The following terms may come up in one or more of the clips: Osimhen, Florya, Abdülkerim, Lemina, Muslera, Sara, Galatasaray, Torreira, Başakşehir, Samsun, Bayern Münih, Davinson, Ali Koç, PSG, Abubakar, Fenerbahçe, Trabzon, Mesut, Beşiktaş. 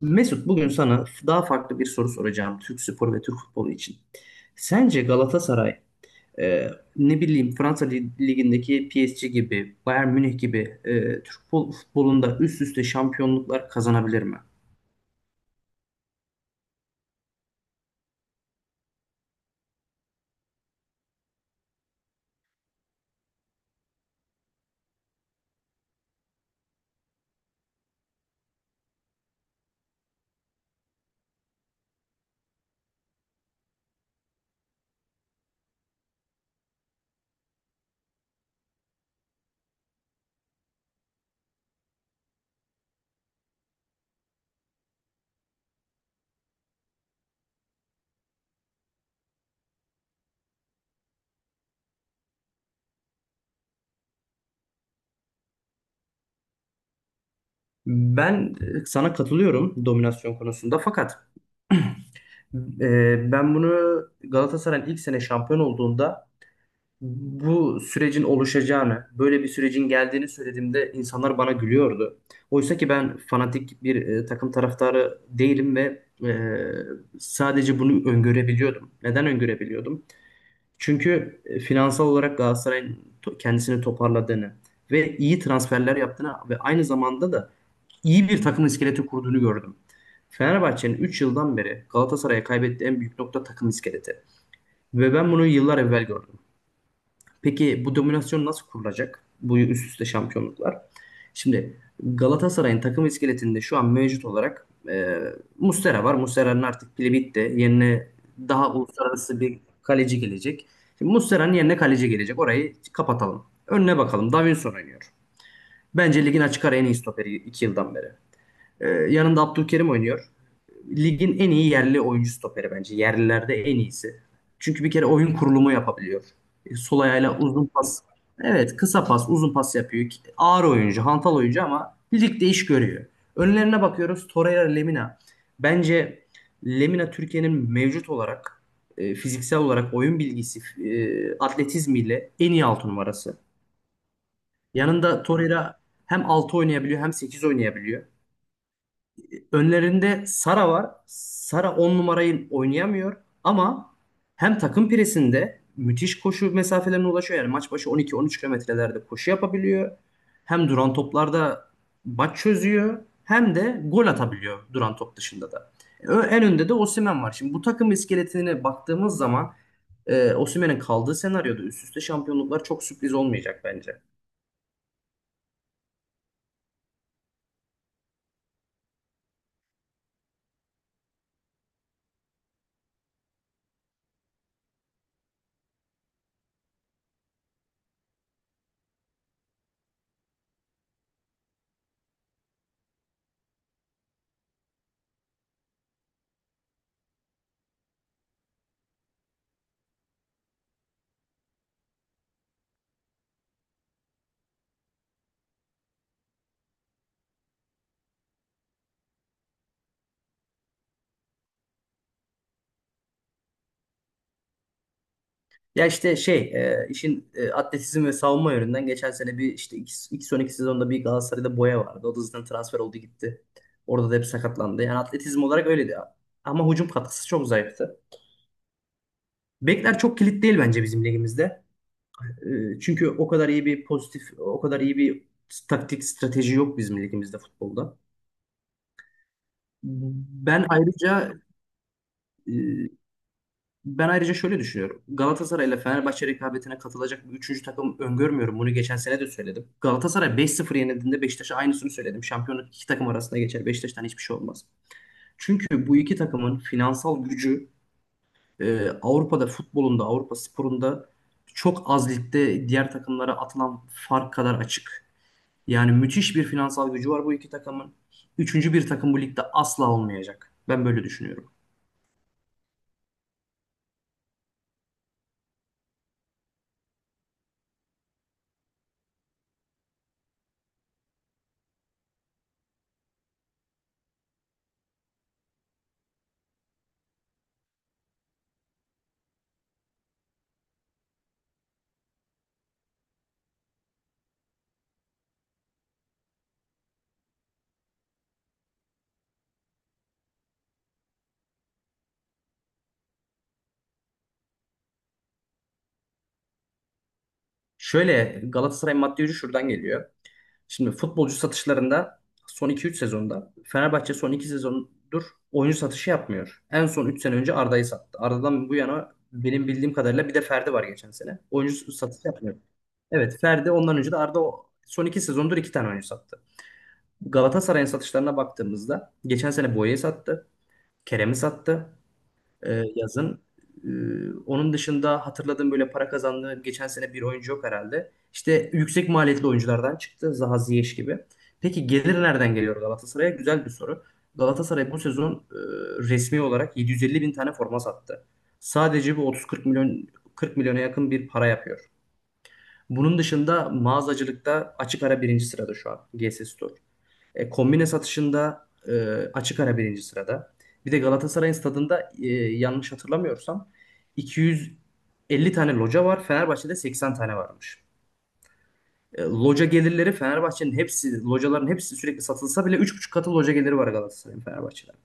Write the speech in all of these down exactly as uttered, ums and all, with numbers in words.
Mesut bugün sana daha farklı bir soru soracağım Türk sporu ve Türk futbolu için. Sence Galatasaray e, ne bileyim Fransa Lig- Ligi'ndeki P S G gibi, Bayern Münih gibi e, Türk fut- futbolunda üst üste şampiyonluklar kazanabilir mi? Ben e, sana katılıyorum dominasyon konusunda fakat e, ben bunu Galatasaray'ın ilk sene şampiyon olduğunda bu sürecin oluşacağını, böyle bir sürecin geldiğini söylediğimde insanlar bana gülüyordu. Oysa ki ben fanatik bir e, takım taraftarı değilim ve e, sadece bunu öngörebiliyordum. Neden öngörebiliyordum? Çünkü e, finansal olarak Galatasaray'ın to- kendisini toparladığını ve iyi transferler yaptığını ve aynı zamanda da iyi bir takım iskeleti kurduğunu gördüm. Fenerbahçe'nin üç yıldan beri Galatasaray'a kaybettiği en büyük nokta takım iskeleti. Ve ben bunu yıllar evvel gördüm. Peki bu dominasyon nasıl kurulacak? Bu üst üste şampiyonluklar. Şimdi Galatasaray'ın takım iskeletinde şu an mevcut olarak e, Muslera var. Muslera'nın artık pili bitti. Yerine daha uluslararası bir kaleci gelecek. Şimdi Muslera'nın yerine kaleci gelecek. Orayı kapatalım. Önüne bakalım. Davinson oynuyor. Bence ligin açık ara en iyi stoperi iki yıldan beri. Ee, yanında Abdülkerim oynuyor. Ligin en iyi yerli oyuncu stoperi bence. Yerlilerde en iyisi. Çünkü bir kere oyun kurulumu yapabiliyor. E, Sol ayağıyla uzun pas. Evet, kısa pas, uzun pas yapıyor. Ki- Ağır oyuncu, hantal oyuncu ama ligde iş görüyor. Önlerine bakıyoruz. Torreira, Lemina. Bence Lemina Türkiye'nin mevcut olarak e, fiziksel olarak oyun bilgisi, e, atletizmiyle en iyi altı numarası. Yanında Torreira hem altı oynayabiliyor hem sekiz oynayabiliyor önlerinde Sara var. Sara on numarayı oynayamıyor ama hem takım presinde müthiş koşu mesafelerine ulaşıyor. Yani maç başı on iki on üç kilometrelerde koşu yapabiliyor. Hem duran toplarda maç çözüyor hem de gol atabiliyor duran top dışında da. Ö- En önde de Osimhen var. Şimdi bu takım iskeletine baktığımız zaman e, Osimhen'in kaldığı senaryoda üst üste şampiyonluklar çok sürpriz olmayacak bence. Ya işte şey e, işin e, atletizm ve savunma yönünden geçen sene bir işte iki ilk son iki sezonda bir Galatasaray'da Boya vardı. O da zaten transfer oldu gitti. Orada da hep sakatlandı. Yani atletizm olarak öyleydi. Ama hücum katkısı çok zayıftı. Bekler çok kilit değil bence bizim ligimizde. E, çünkü o kadar iyi bir pozitif, o kadar iyi bir taktik strateji yok bizim ligimizde futbolda. Ben ayrıca e, Ben ayrıca şöyle düşünüyorum. Galatasaray ile Fenerbahçe rekabetine katılacak bir üçüncü takım öngörmüyorum. Bunu geçen sene de söyledim. Galatasaray beş sıfır yenildiğinde Beşiktaş'a aynısını söyledim. Şampiyonluk iki takım arasında geçer. Beşiktaş'tan hiçbir şey olmaz. Çünkü bu iki takımın finansal gücü e, Avrupa'da futbolunda, Avrupa sporunda çok az ligde diğer takımlara atılan fark kadar açık. Yani müthiş bir finansal gücü var bu iki takımın. Üçüncü bir takım bu ligde asla olmayacak. Ben böyle düşünüyorum. Şöyle Galatasaray maddi gücü şuradan geliyor. Şimdi futbolcu satışlarında son iki üç sezonda Fenerbahçe son iki sezondur oyuncu satışı yapmıyor. En son üç sene önce Arda'yı sattı. Arda'dan bu yana benim bildiğim kadarıyla bir de Ferdi var geçen sene. Oyuncu satışı yapmıyor. Evet Ferdi ondan önce de Arda o- son iki sezondur iki tane oyuncu sattı. Galatasaray'ın satışlarına baktığımızda geçen sene Boya'yı sattı. Kerem'i sattı e, yazın. E, Onun dışında hatırladığım böyle para kazandığı geçen sene bir oyuncu yok herhalde. İşte yüksek maliyetli oyunculardan çıktı Zaha Ziyech gibi. Peki gelir nereden geliyor Galatasaray'a? Güzel bir soru. Galatasaray bu sezon e, resmi olarak yedi yüz elli bin tane forma sattı. Sadece bu otuz kırk milyon kırk milyona yakın bir para yapıyor. Bunun dışında mağazacılıkta açık ara birinci sırada şu an G S Store. E, kombine satışında e, açık ara birinci sırada. Bir de Galatasaray'ın stadında e, yanlış hatırlamıyorsam iki yüz elli tane loca var. Fenerbahçe'de seksen tane varmış. E, loca gelirleri Fenerbahçe'nin hepsi, locaların hepsi sürekli satılsa bile üç buçuk katı loca geliri var Galatasaray'ın Fenerbahçe'den.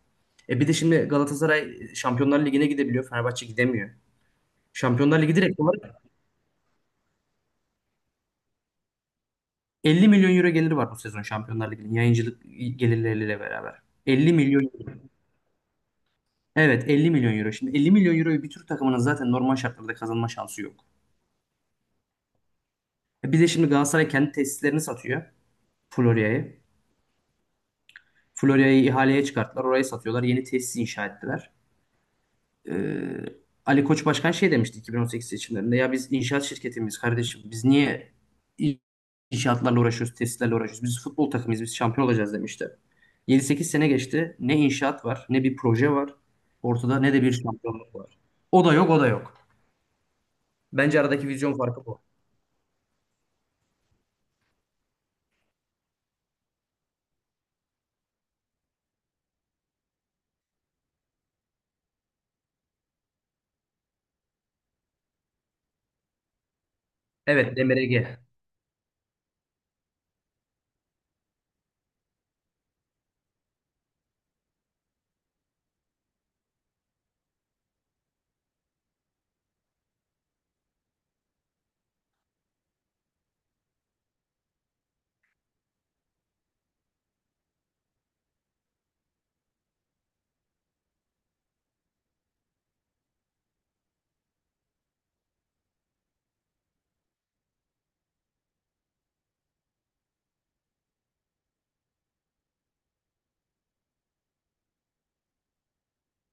E bir de şimdi Galatasaray Şampiyonlar Ligi'ne gidebiliyor. Fenerbahçe gidemiyor. Şampiyonlar Ligi direkt olarak elli milyon euro geliri var bu sezon Şampiyonlar Ligi'nin yayıncılık gelirleriyle beraber. elli milyon euro. Evet elli milyon euro. Şimdi elli milyon euroyu bir Türk takımının zaten normal şartlarda kazanma şansı yok. E Bir de şimdi Galatasaray kendi tesislerini satıyor. Florya'yı. Florya'yı ihaleye çıkarttılar. Orayı satıyorlar. Yeni tesis inşa ettiler. Ee, Ali Koç Başkan şey demişti iki bin on sekiz seçimlerinde. Ya biz inşaat şirketimiz kardeşim. Biz niye in- inşaatlarla uğraşıyoruz, tesislerle uğraşıyoruz? Biz futbol takımıyız. Biz şampiyon olacağız demişti. yedi sekiz sene geçti. Ne inşaat var, ne bir proje var. Ortada ne de bir şampiyonluk var. O da yok, o da yok. Bence aradaki vizyon farkı bu. Evet Demir Ege.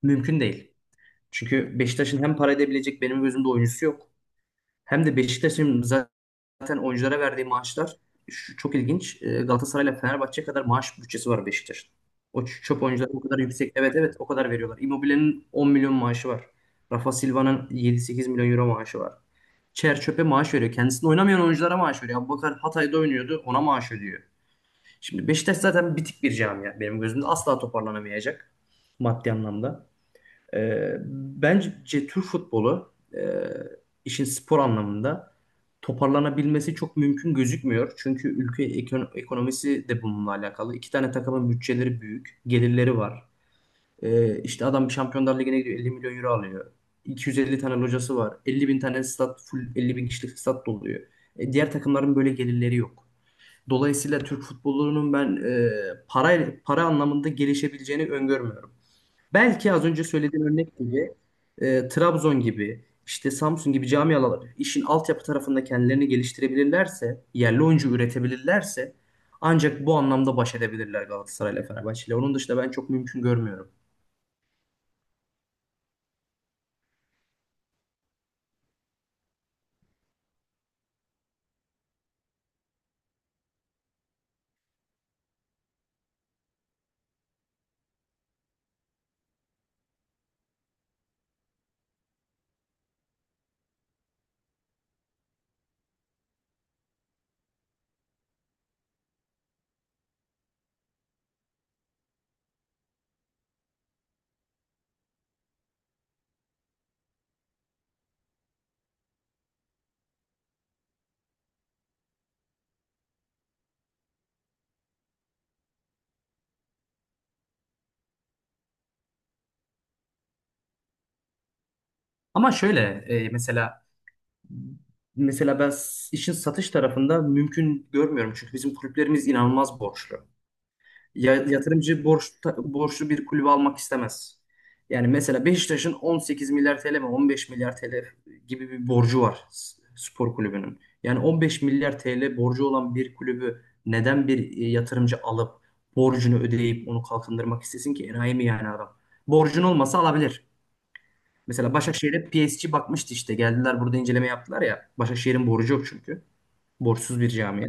Mümkün değil. Çünkü Beşiktaş'ın hem para edebilecek benim gözümde oyuncusu yok. Hem de Beşiktaş'ın zaten oyunculara verdiği maaşlar şu- çok ilginç. E, Galatasaray'la Fenerbahçe kadar maaş bütçesi var Beşiktaş'ın. O ç- çöp oyuncular o kadar yüksek. Evet evet o kadar veriyorlar. Immobile'nin on milyon maaşı var. Rafa Silva'nın yedi sekiz milyon euro maaşı var. Çer çöpe maaş veriyor. Kendisini oynamayan oyunculara maaş veriyor. Abubakar Hatay'da oynuyordu. Ona maaş ödüyor. Şimdi Beşiktaş zaten bitik bir camia benim gözümde. Asla toparlanamayacak maddi anlamda. Ee, bence Türk futbolu e, işin spor anlamında toparlanabilmesi çok mümkün gözükmüyor. Çünkü ülke ekon- ekonomisi de bununla alakalı. İki tane takımın bütçeleri büyük, gelirleri var. Ee, işte adam Şampiyonlar Ligi'ne gidiyor elli milyon euro alıyor. iki yüz elli tane locası var. elli bin tane stat, full elli bin kişilik stat doluyor. E, diğer takımların böyle gelirleri yok. Dolayısıyla Türk futbolunun ben e, para para anlamında gelişebileceğini öngörmüyorum. Belki az önce söylediğim örnek gibi e, Trabzon gibi işte Samsun gibi camialar işin altyapı tarafında kendilerini geliştirebilirlerse, yerli oyuncu üretebilirlerse ancak bu anlamda baş edebilirler Galatasaray ile Fenerbahçe ile. Onun dışında ben çok mümkün görmüyorum. Ama şöyle e, mesela mesela ben s- işin satış tarafında mümkün görmüyorum. Çünkü bizim kulüplerimiz inanılmaz borçlu. Ya- yatırımcı borç, borçlu bir kulübe almak istemez. Yani mesela Beşiktaş'ın on sekiz milyar T L mi on beş milyar T L gibi bir borcu var s- spor kulübünün. Yani on beş milyar T L borcu olan bir kulübü neden bir e, yatırımcı alıp borcunu ödeyip onu kalkındırmak istesin ki? Enayi mi yani adam? Borcun olmasa alabilir. Mesela Başakşehir'e P S G bakmıştı işte. Geldiler burada inceleme yaptılar ya. Başakşehir'in borcu yok çünkü. Borçsuz bir camia.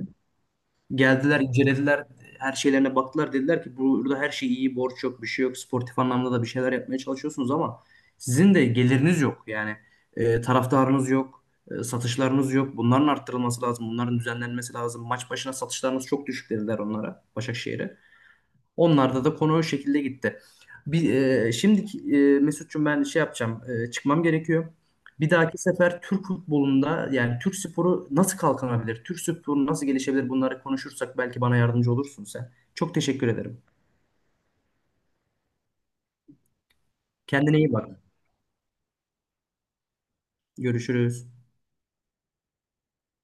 Geldiler, incelediler, her şeylerine baktılar. Dediler ki burada her şey iyi, borç yok, bir şey yok. Sportif anlamda da bir şeyler yapmaya çalışıyorsunuz ama sizin de geliriniz yok. Yani e, taraftarınız yok, e, satışlarınız yok. Bunların arttırılması lazım, bunların düzenlenmesi lazım. Maç başına satışlarınız çok düşük dediler onlara, Başakşehir'e. Onlarda da konu o şekilde gitti. Bir, e, şimdiki e, Mesut'cum ben şey yapacağım. E, çıkmam gerekiyor. Bir dahaki sefer Türk futbolunda yani Türk sporu nasıl kalkınabilir? Türk sporu nasıl gelişebilir? Bunları konuşursak belki bana yardımcı olursun sen. Çok teşekkür ederim. Kendine iyi bak. Görüşürüz.